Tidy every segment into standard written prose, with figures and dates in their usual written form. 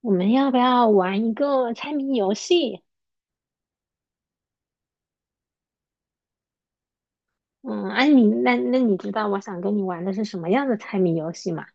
我们要不要玩一个猜谜游戏？嗯，哎、你那那你知道我想跟你玩的是什么样的猜谜游戏吗？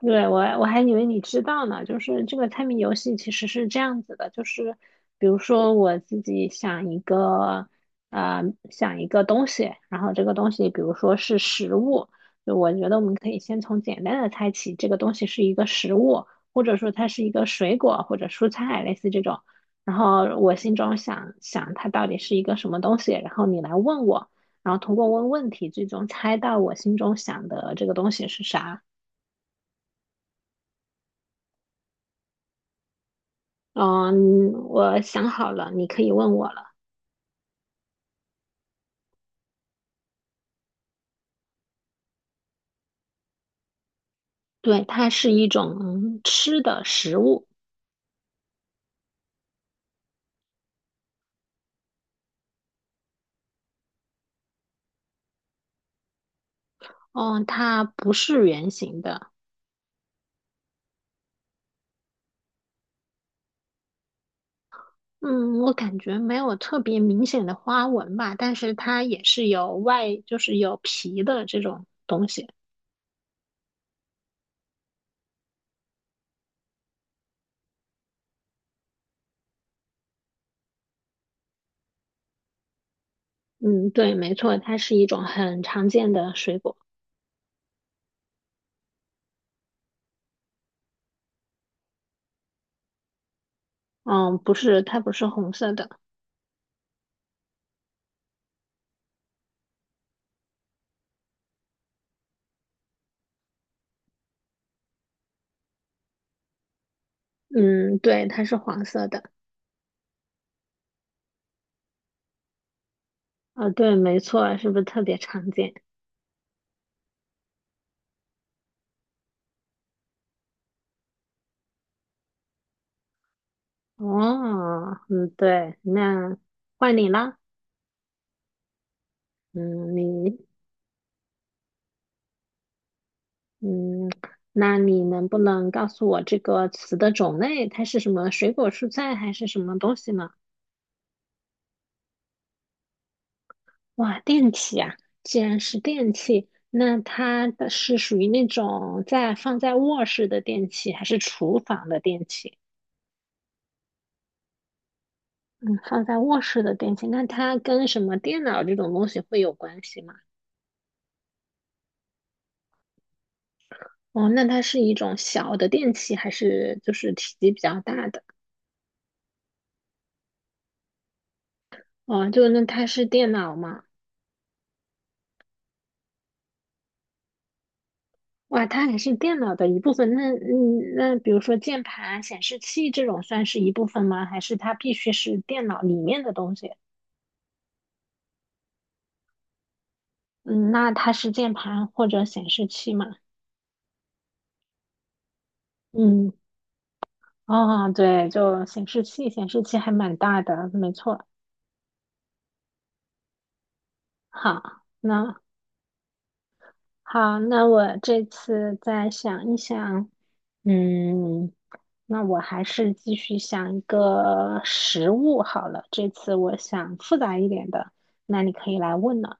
对，我还以为你知道呢，就是这个猜谜游戏其实是这样子的，就是比如说我自己想一个，呃，想一个东西，然后这个东西比如说是食物，就我觉得我们可以先从简单的猜起，这个东西是一个食物，或者说它是一个水果或者蔬菜，类似这种。然后我心中想想它到底是一个什么东西，然后你来问我，然后通过问问题最终猜到我心中想的这个东西是啥。我想好了，你可以问我了。对，它是一种吃的食物。嗯，它不是圆形的。嗯，我感觉没有特别明显的花纹吧，但是它也是有外，就是有皮的这种东西。嗯，对，没错，它是一种很常见的水果。嗯，不是，它不是红色的。嗯，对，它是黄色的。啊，对，没错，是不是特别常见？哦，嗯，对，那换你啦。嗯，你嗯，那你能不能告诉我这个词的种类？它是什么水果、蔬菜还是什么东西呢？哇，电器啊！既然是电器，那它的是属于那种在放在卧室的电器，还是厨房的电器？嗯，放在卧室的电器，那它跟什么电脑这种东西会有关系吗？哦，那它是一种小的电器，还是就是体积比较大的？哦，就那它是电脑吗？哇，它还是电脑的一部分。那嗯，那比如说键盘、显示器这种算是一部分吗？还是它必须是电脑里面的东西？嗯，那它是键盘或者显示器吗？嗯，哦，对，就显示器，显示器还蛮大的，没错。好，那好，那我这次再想一想。嗯，那我还是继续想一个实物好了。这次我想复杂一点的，那你可以来问了。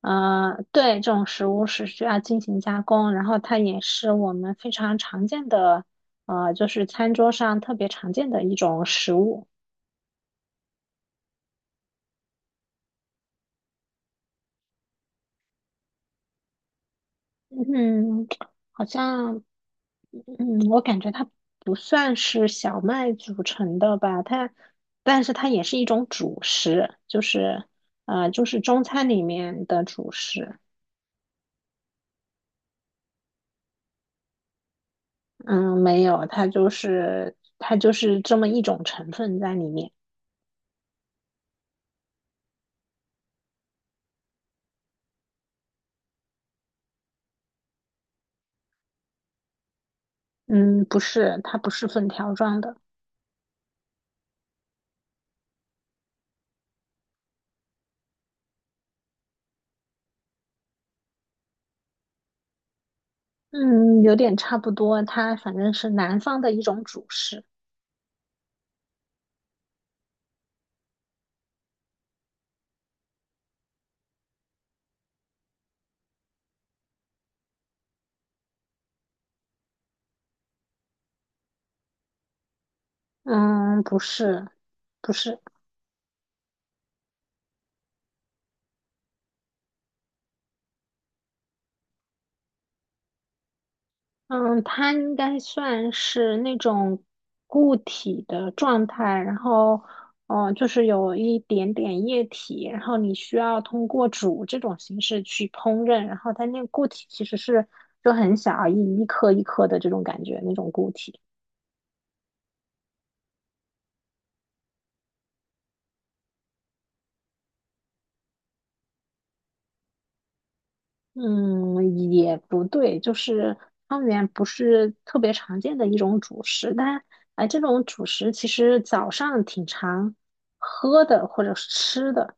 对，这种食物是需要进行加工，然后它也是我们非常常见的，就是餐桌上特别常见的一种食物。嗯，好像，嗯，我感觉它不算是小麦组成的吧，它，但是它也是一种主食，就是，就是中餐里面的主食。嗯，没有，它就是这么一种成分在里面。嗯，不是，它不是粉条状的。嗯，有点差不多，它反正是南方的一种主食。嗯，不是，不是，嗯，它应该算是那种固体的状态，然后，哦，就是有一点点液体，然后你需要通过煮这种形式去烹饪，然后它那个固体其实是就很小，一颗一颗的这种感觉，那种固体。嗯，也不对，就是汤圆不是特别常见的一种主食，但哎，这种主食其实早上挺常喝的或者是吃的。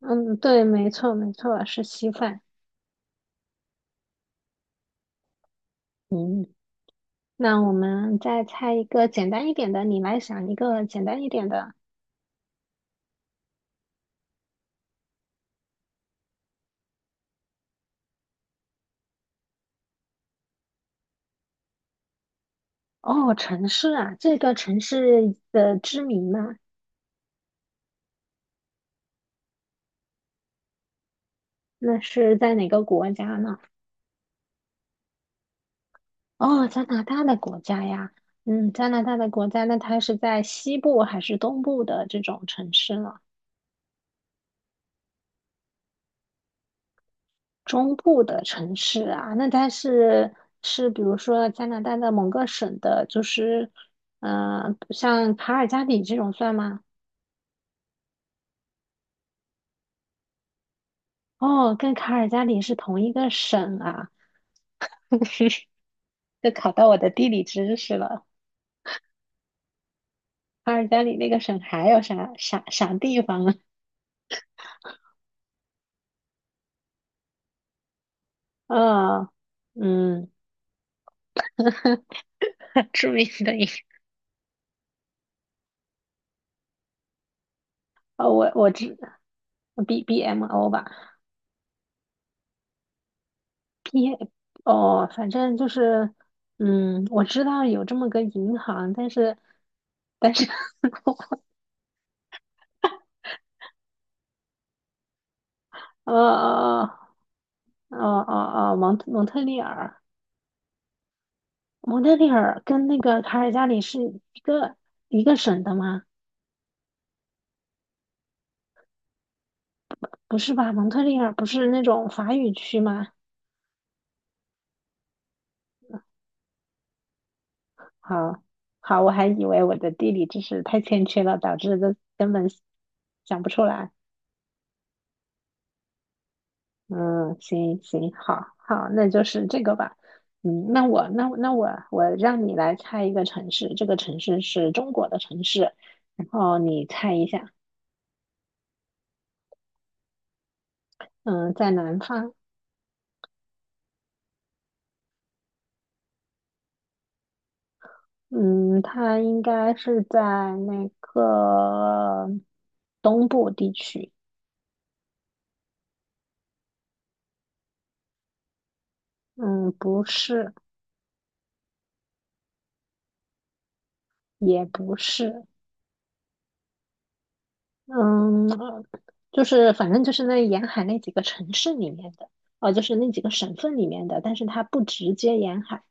嗯，对，没错，没错，是稀饭。嗯，那我们再猜一个简单一点的，你来想一个简单一点的。哦，城市啊，这个城市的知名吗？那是在哪个国家呢？哦，加拿大的国家呀，嗯，加拿大的国家，那它是在西部还是东部的这种城市呢？中部的城市啊，那它是是比如说加拿大的某个省的，就是嗯，像卡尔加里这种算吗？哦，跟卡尔加里是同一个省啊，这考到我的地理知识了。卡尔加里那个省还有啥啥啥地方啊？嗯嗯，著名的一，哦，我知。BBMO 吧 p 哦，反正就是，嗯，我知道有这么个银行，但是，但是，呃呃蒙特利尔，蒙特利尔跟那个卡尔加里是一个一个省的吗？不是吧？蒙特利尔不是那种法语区吗？好，好，我还以为我的地理知识太欠缺了，导致的根本想不出来。嗯，行行，好好，那就是这个吧。嗯，那我那那我我让你来猜一个城市，这个城市是中国的城市，然后你猜一下，嗯，在南方，嗯，它应该是在那个东部地区，嗯，不是，也不是，嗯，就是反正就是那沿海那几个城市里面的，哦，就是那几个省份里面的，但是它不直接沿海。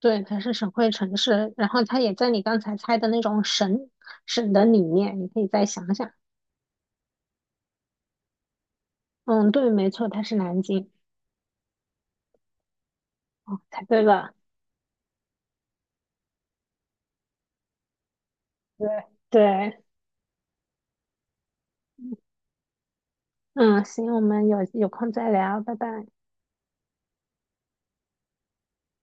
对，它是省会城市，然后它也在你刚才猜的那种省的里面，你可以再想想。嗯，对，没错，它是南京，猜对了。对。对，嗯，行，我们有空再聊，拜拜。